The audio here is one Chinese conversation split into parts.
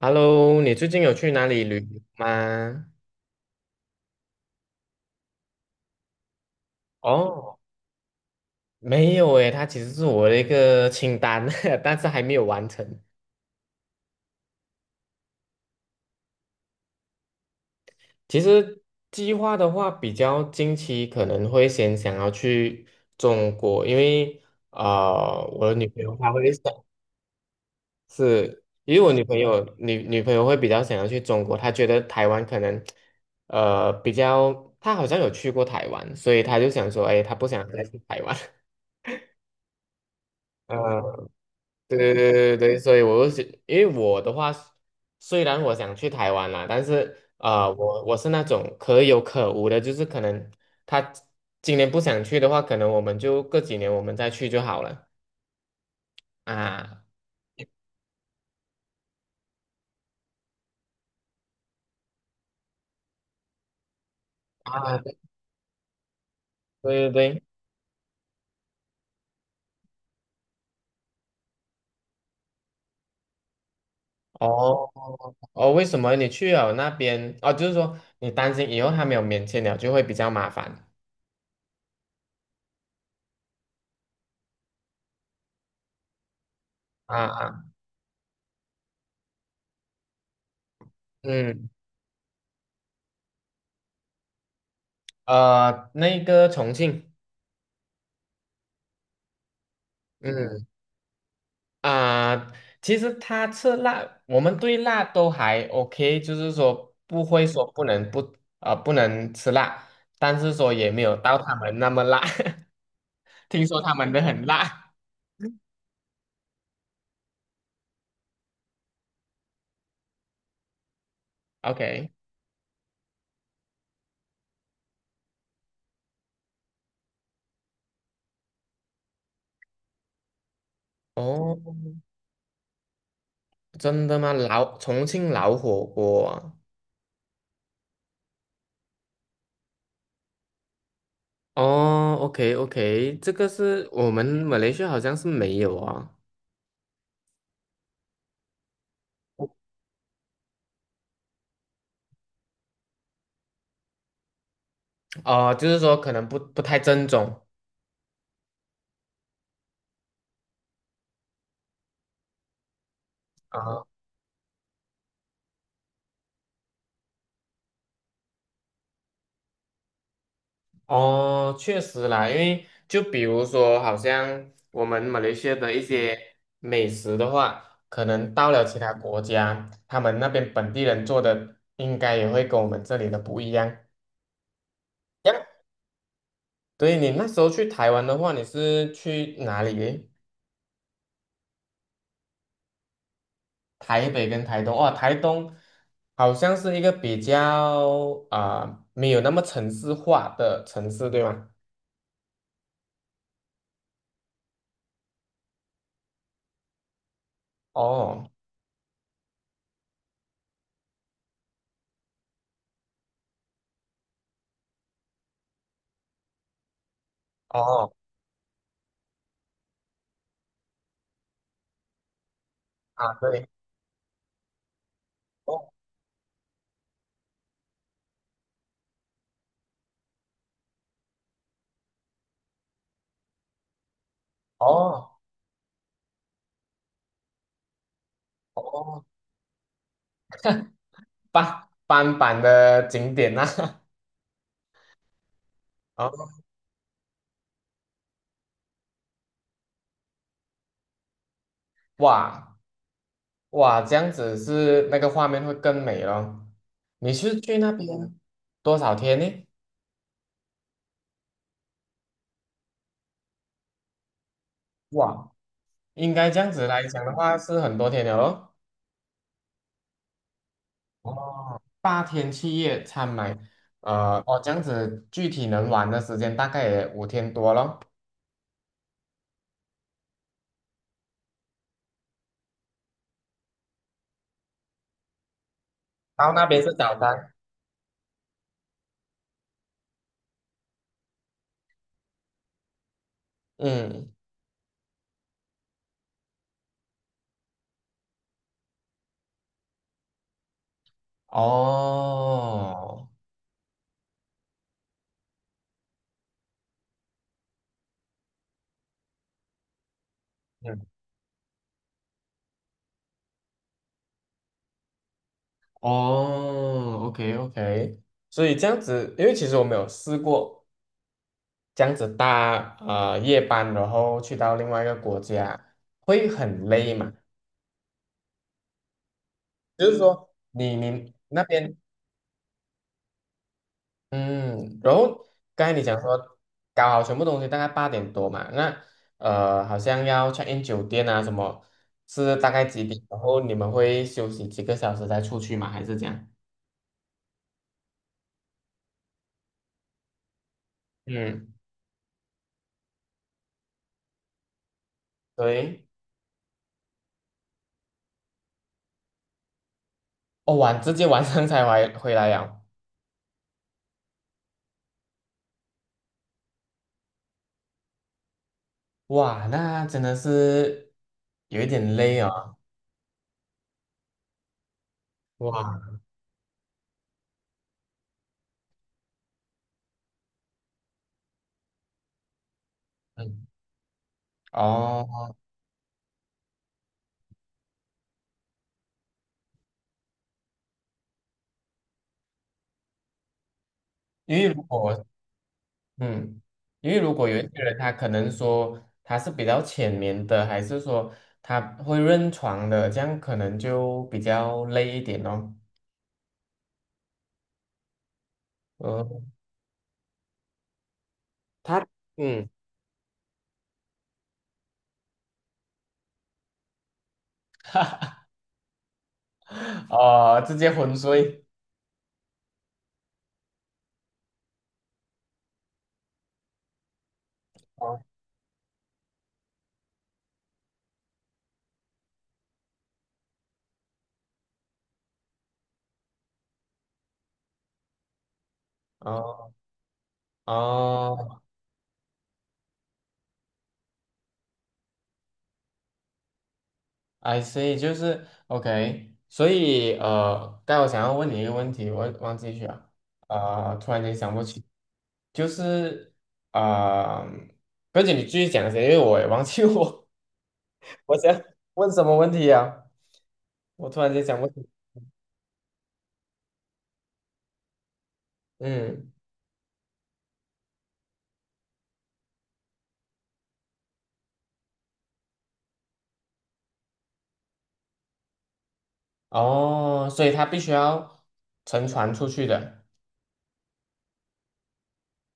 Hello，你最近有去哪里旅游吗？哦，没有诶，它其实是我的一个清单，但是还没有完成。其实计划的话，比较近期可能会先想要去中国，因为我的女朋友她会想是，因为我女朋友女朋友会比较想要去中国，她觉得台湾可能呃比较，她好像有去过台湾，所以她就想说，哎，她不想再去台湾。对对对对对，所以我就想，因为我的话，虽然我想去台湾啦，但是啊、呃我是那种可有可无的，就是可能他今年不想去的话，可能我们就过几年我们再去就好了啊啊，对对对，哦哦，为什么你去了那边？哦，就是说你担心以后他没有免签了，就会比较麻烦啊啊，嗯，呃，那个重庆。嗯。啊、其实他吃辣，我们对辣都还 OK，就是说不会嗯说不能不能吃辣，但是说也没有到他们那么辣，听说他们的很辣。OK，哦，真的吗？老重庆老火锅啊？哦，OK OK，这个是我们马来西亚好像是没有啊，哦、就是说可能不太正宗。啊。哦，确实啦，因为就比如说，好像我们马来西亚的一些美食的话，可能到了其他国家，他们那边本地人做的应该也会跟我们这里的不一样。这样对你那时候去台湾的话，你是去哪里诶？台北跟台东哦，台东好像是一个比较啊、呃没有那么城市化的城市，对吗？哦哦啊，对。哦哦哦，半版的景点呐、啊，哇哇，这样子是那个画面会更美咯。你是去那边多少天呢？哇，应该这样子来讲的话是很多天了咯。哦，八天七夜参买，呃，哦，这样子具体能玩的时间大概也五天多咯。到那边是早餐，嗯，哦，嗯，哦，OK OK。所以这样子，因为其实我没有试过这样子夜班，然后去到另外一个国家，会很累嘛？就是说你那边嗯，然后刚才你讲说搞好全部东西大概八点多嘛，那呃好像要 check in 酒店啊什么，是大概几点？然后你们会休息几个小时再出去吗？还是这样？嗯，对，哦直接晚上才回来呀，哇，那真的是有一点累哦，哇，嗯，哦。因为如果嗯，因为如果有一些人他可能说他是比较浅眠的，还是说他会认床的，这样可能就比较累一点哦。嗯，他嗯，哦，直接昏睡。哦哦哦，I see，就是 OK。所以呃，但我想要问你一个问题，我忘记去了，呃，突然间想不起，就是啊、呃，不要紧，你继续讲一先，因为我也忘记我。我想 问什么问题呀？我突然间想问你嗯，哦，所以它必须要乘船出去的，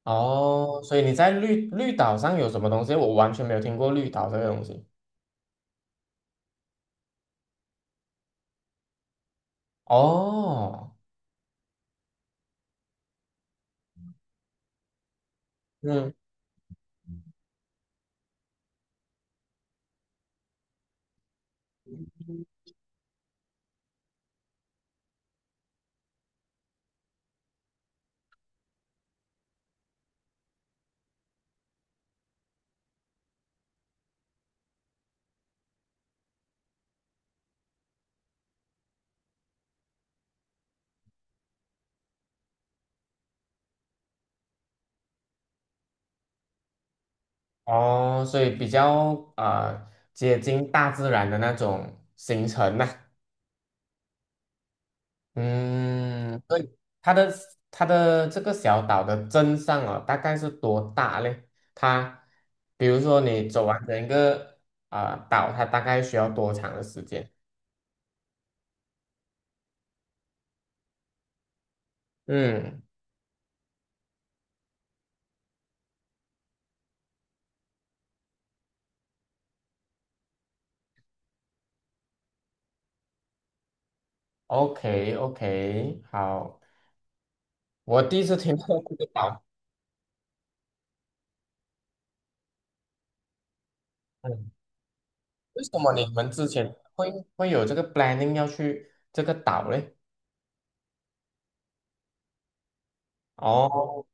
哦，所以你在绿岛上有什么东西？我完全没有听过绿岛这个东西。哦，嗯，哦，所以比较啊、呃接近大自然的那种行程呐、嗯，对，它的它的这个小岛的镇上啊，大概是多大嘞？它，比如说你走完整个啊、岛，它大概需要多长的时间？嗯，OK OK，好，我第一次听过这个岛，嗯，为什么你们之前会有这个 planning 要去这个岛嘞？哦，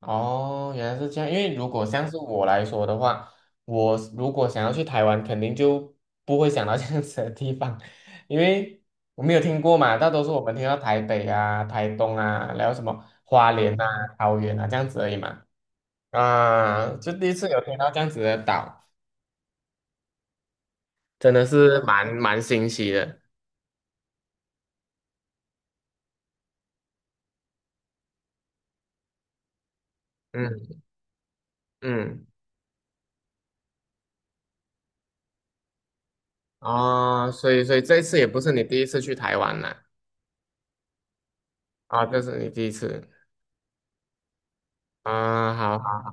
哦，原来是这样。因为如果像是我来说的话，我如果想要去台湾，肯定就不会想到这样子的地方，因为我没有听过嘛。大多数我们听到台北啊、台东啊，然后什么花莲啊、嗯桃园啊这样子而已嘛。啊，就第一次有听到这样子的岛，真的是蛮新奇的。嗯嗯，哦，所以这一次也不是你第一次去台湾啦，啊，这是你第一次啊，好好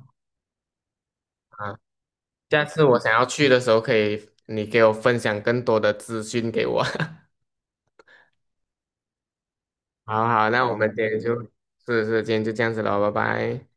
好。下次我想要去的时候，可以你给我分享更多的资讯给我。好好，那我们今天就，是是，今天就这样子了，拜拜。